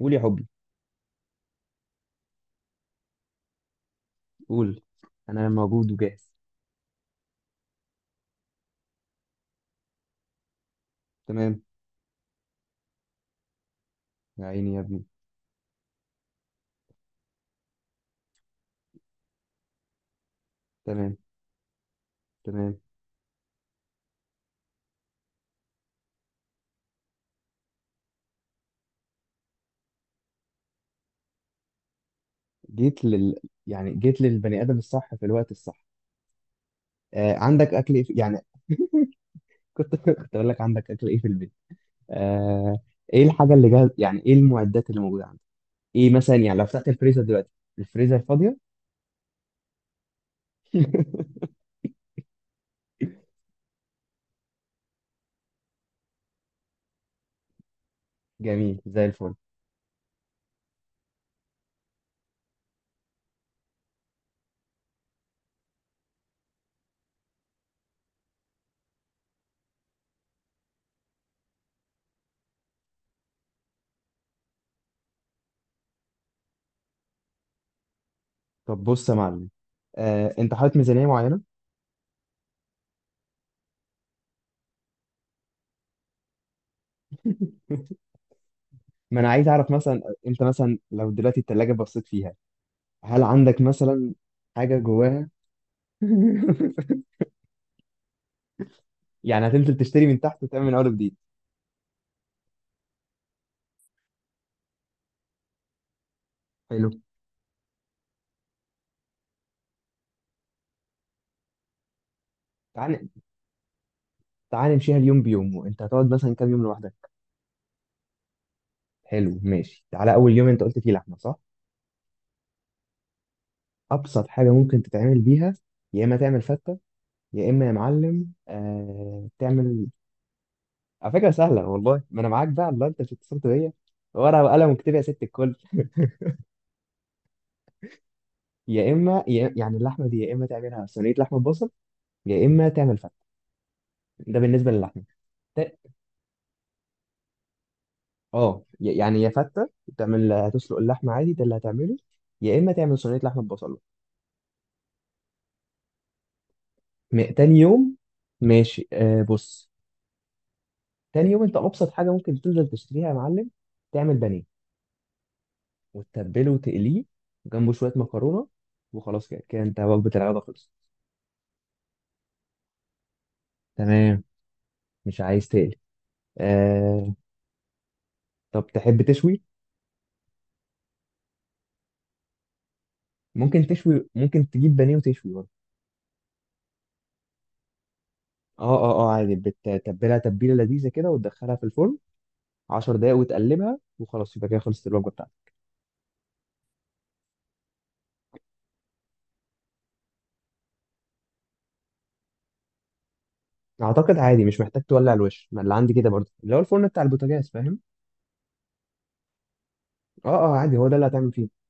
قول يا حبي. قول، انا موجود وجاهز. تمام. يا عيني يا ابني. تمام، تمام. جيت لل يعني جيت للبني ادم الصح في الوقت الصح. آه، عندك اكل ايه يعني؟ كنت كنت اقول لك عندك اكل ايه في البيت. آه، ايه الحاجه اللي جاهز؟ يعني ايه المعدات اللي موجوده عندك؟ ايه مثلا؟ يعني لو فتحت الفريزر دلوقتي، الفريزر فاضيه. جميل زي الفل. طب بص يا معلم، آه، انت حاطط ميزانيه معينه؟ ما انا عايز اعرف مثلا، انت مثلا لو دلوقتي التلاجة بصيت فيها، هل عندك مثلا حاجه جواها؟ يعني هتنزل تشتري من تحت وتعمل من اول جديد؟ حلو. تعال، تعال نمشيها اليوم بيوم. وانت هتقعد مثلا كام يوم لوحدك؟ حلو، ماشي. تعالى اول يوم انت قلت فيه لحمه، صح؟ ابسط حاجه ممكن تتعمل بيها، يا اما تعمل فته، يا اما يا معلم آه تعمل. على فكره سهله والله، ما انا معاك بقى الله، انت مش اتصلت بيا؟ ورقه وقلم، وكتب يا ست الكل. يا اما يا يعني اللحمه دي يا اما تعملها صينيه لحمه بصل، يا اما تعمل فته. ده بالنسبه للحمه. اه، يعني يا فته تعمل، هتسلق اللحمه عادي، ده اللي هتعمله. يا اما تعمل صينيه لحمه ببصله. تاني يوم، ماشي آه بص، تاني يوم انت ابسط حاجه ممكن تنزل تشتريها يا معلم، تعمل بانيه وتتبله وتقليه، جنبه شويه مكرونه، وخلاص كده كده انت وجبه العياده خلصت. تمام، مش عايز تقلي. آه، طب تحب تشوي؟ ممكن تشوي، ممكن تجيب بانيه وتشوي برضه. اه اه اه عادي، بتتبلها تتبيله لذيذه كده وتدخلها في الفرن 10 دقايق وتقلبها، وخلاص يبقى كده خلصت الوجبه بتاعتك. اعتقد عادي، مش محتاج تولع الوش. ما اللي عندي كده برضه، اللي هو الفرن بتاع البوتاجاز، فاهم؟ اه اه عادي، هو ده اللي هتعمل فيه.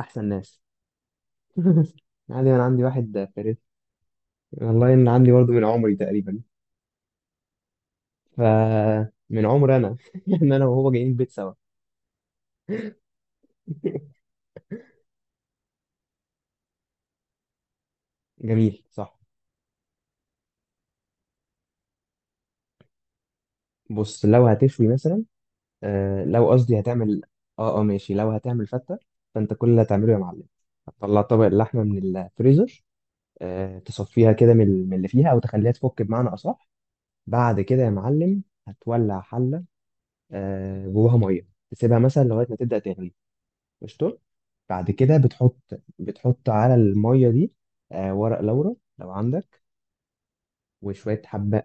احسن ناس. عادي، انا عندي واحد فريد. والله ان عندي برضه من عمري تقريبا. ف من عمري انا انا وهو جايين البيت سوا. جميل، صح. بص لو هتشوي مثلا، آه لو قصدي هتعمل. اه اه ماشي، لو هتعمل فتة، فانت كل اللي هتعمله يا معلم، هتطلع طبق اللحمة من الفريزر. آه، تصفيها كده من اللي فيها، او تخليها تفك بمعنى اصح. بعد كده يا معلم، هتولع حلة، آه، جواها مية، تسيبها مثلا لغاية ما تبدأ تغلي. قشطة. بعد كده بتحط على المية دي، آه، ورق لورا لو عندك. وشوية حبة.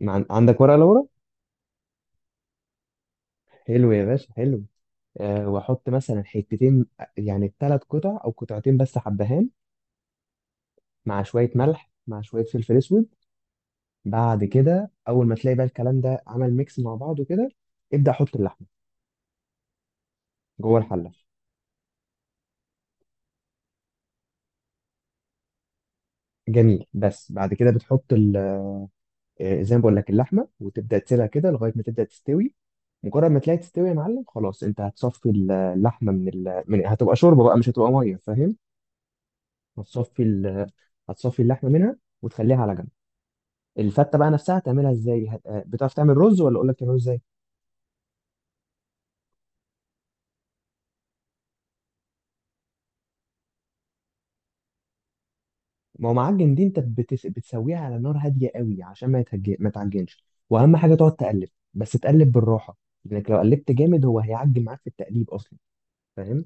عندك ورق لورا؟ حلو يا باشا، حلو. آه، واحط مثلا حتتين، يعني ثلاث قطع او قطعتين بس حبهان، مع شوية ملح، مع شوية فلفل اسود. بعد كده اول ما تلاقي بقى الكلام ده عمل ميكس مع بعضه كده، ابدأ حط اللحمة جوه الحلة. جميل، بس بعد كده بتحط، آه، زي ما بقول لك اللحمه، وتبدا تسيبها كده لغايه ما تبدا تستوي. مجرد ما تلاقي تستوي يا معلم خلاص، انت هتصفي اللحمه من من، هتبقى شوربه بقى مش هتبقى ميه، فاهم؟ هتصفي ال... هتصفي اللحمه منها وتخليها على جنب. الفته بقى نفسها هتعملها ازاي؟ آه، بتعرف تعمل رز ولا اقول لك تعمله ازاي؟ ما هو معجن دي انت بتسويها على نار هاديه قوي عشان ما ما تعجنش. واهم حاجه تقعد تقلب، بس تقلب بالراحه، لانك لو قلبت جامد هو هيعجن معاك في التقليب اصلا، فاهم؟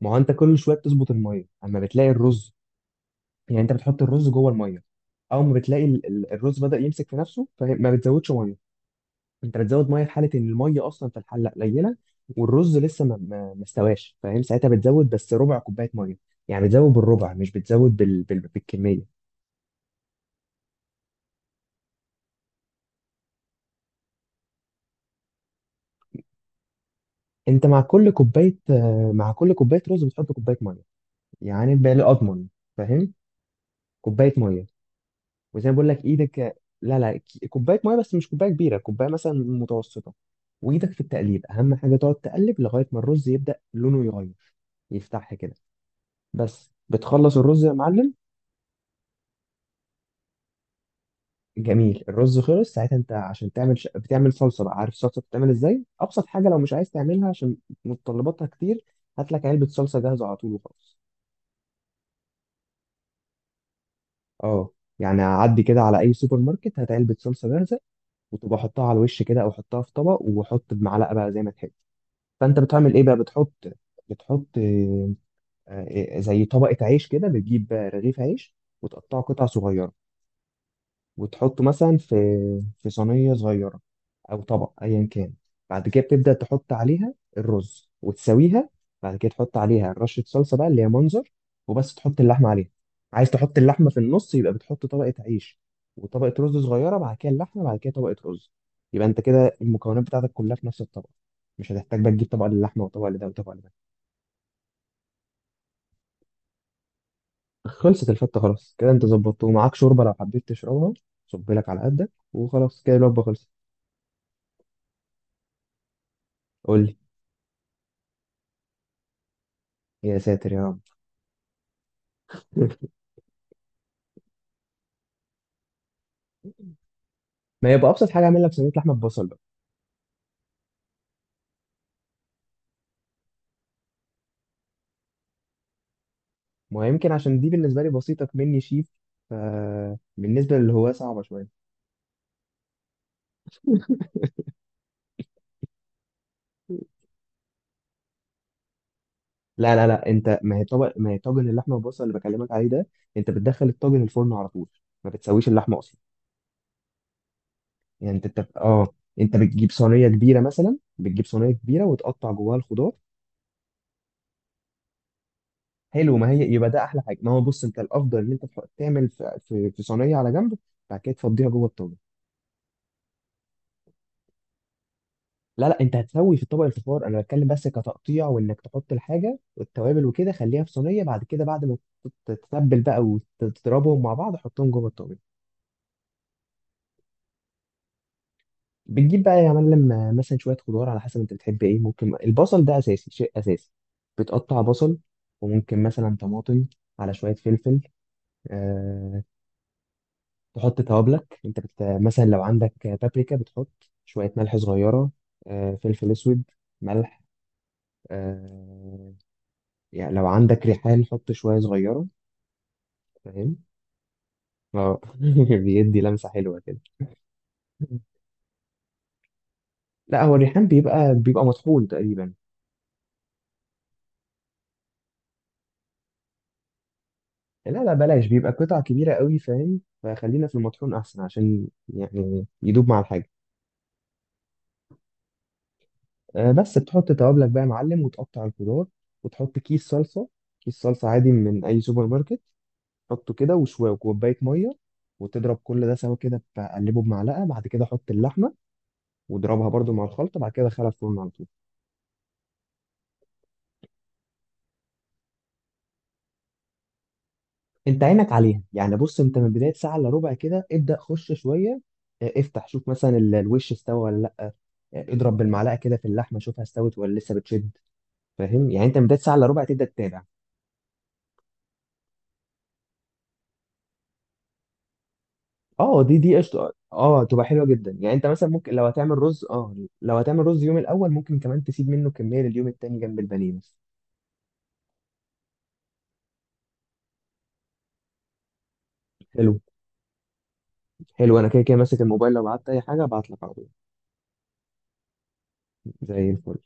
ما هو انت كل شويه بتظبط الميه اما بتلاقي الرز. يعني انت بتحط الرز جوه الميه، اول ما بتلاقي الرز بدأ يمسك في نفسه فما بتزودش ميه. انت بتزود ميه في حاله ان الميه اصلا في الحله قليله والرز لسه ما استواش، فاهم؟ ساعتها بتزود بس ربع كوبايه ميه، يعني بتزود بالربع مش بتزود بالكميه. انت مع كل كوبايه، آه، مع كل كوبايه رز بتحط كوبايه ميه، يعني بقى اضمن، فاهم؟ كوبايه ميه. وزي ما بقول لك ايدك، لا لا، كوبايه ميه، بس مش كوبايه كبيره، كوبايه مثلا متوسطه. وايدك في التقليب اهم حاجه، تقعد تقلب لغايه ما الرز يبدا لونه يغير، يفتح كده، بس بتخلص الرز يا معلم. جميل، الرز خلص. ساعتها انت عشان تعمل بتعمل صلصه بقى، عارف الصلصه بتتعمل ازاي؟ ابسط حاجه لو مش عايز تعملها عشان متطلباتها كتير، هات لك علبه صلصه جاهزه على طول وخلاص. اه. يعني عدي كده على اي سوبر ماركت، هات علبه صلصه جاهزه، وتبقى حطها على الوش كده، او حطها في طبق وحط بمعلقه بقى زي ما تحب. فانت بتعمل ايه بقى؟ بتحط آه، آه، زي طبقه عيش كده، بتجيب آه، رغيف عيش وتقطعه قطع صغيره، وتحطه مثلا في في صينيه صغيره او طبق ايا كان. بعد كده بتبدا تحط عليها الرز وتسويها. بعد كده تحط عليها رشه صلصه بقى اللي هي منظر، وبس تحط اللحمه عليها. عايز تحط اللحمه في النص، يبقى بتحط طبقه عيش وطبقه رز صغيره، بعد كده اللحمه، بعد كده طبقه رز. يبقى انت كده المكونات بتاعتك كلها في نفس الطبق، مش هتحتاج بقى تجيب طبق للحمه وطبق لده وطبق لده. خلصت الفتة خلاص، كده انت ظبطته ومعاك شوربة لو حبيت تشربها، صب لك على قدك وخلاص، كده الوجبة خلصت. قول لي. يا ساتر يا رب. ما يبقى ابسط حاجة اعمل لك صينية لحمة ببصل بقى. ما يمكن عشان دي بالنسبة لي بسيطة مني شيف، فبالنسبة للي هو صعبة شوية. لا لا لا، انت ما هي طبق، ما هي طاجن اللحمة بالبصل اللي بكلمك عليه ده، انت بتدخل الطاجن الفرن على طول، ما بتسويش اللحمة اصلا. يعني انت بتجيب صينية كبيرة، مثلا بتجيب صينية كبيرة وتقطع جواها الخضار. حلو، ما هي يبقى ده احلى حاجه. ما هو بص انت الافضل ان انت تعمل في صينيه على جنب، بعد كده تفضيها جوه الطاجن. لا لا، انت هتسوي في طبق الفخار، انا بتكلم بس كتقطيع وانك تحط الحاجه والتوابل وكده، خليها في صينيه، بعد كده بعد ما تت- تتبل بقى وتضربهم مع بعض، حطهم جوه الطاجن. بتجيب بقى يا معلم آه، مثلا شويه خضار، على حسب انت بتحب ايه. ممكن البصل ده اساسي، شيء اساسي. بتقطع بصل، وممكن مثلا طماطم، على شويه فلفل، آه، تحط توابلك. انت مثلا لو عندك بابريكا، بتحط شوية ملح صغيرة، آه، فلفل اسود، ملح، آه، يعني لو عندك ريحان حط شوية صغيرة، فاهم؟ اه، بيدي لمسة حلوة كده. لا، هو الريحان بيبقى بيبقى مطحون تقريبا. لا لا، بلاش، بيبقى قطع كبيرة قوي، فاهم؟ فخلينا في المطحون احسن عشان يعني يدوب مع الحاجة. آه، بس بتحط توابلك بقى يا معلم وتقطع الخضار، وتحط كيس صلصة، كيس صلصة عادي من أي سوبر ماركت. حطه كده، وشويه وكوبايه ميه، وتضرب كل ده سوا كده، تقلبه بمعلقه، بعد كده حط اللحمه واضربها برضو مع الخلطه، بعد كده دخلها الفرن على طول. انت عينك عليها، يعني بص انت من بدايه ساعه الا ربع كده ابدا خش شويه، اه، افتح شوف مثلا الوش استوى ولا لا، اه، اضرب بالمعلقه كده في اللحمه، شوفها استوت ولا لسه بتشد، فاهم؟ يعني انت من بدايه ساعه الا ربع تبدا تتابع. اه دي دي قشطه، اه تبقى حلوه جدا. يعني انت مثلا ممكن لو هتعمل رز، اه لو هتعمل رز يوم الاول ممكن كمان تسيب منه كميه لليوم التاني جنب البانيه بس. حلو. حلو، انا كده كده ماسك الموبايل، لو قعدت اي حاجه ابعت لك على طول. زي الفل.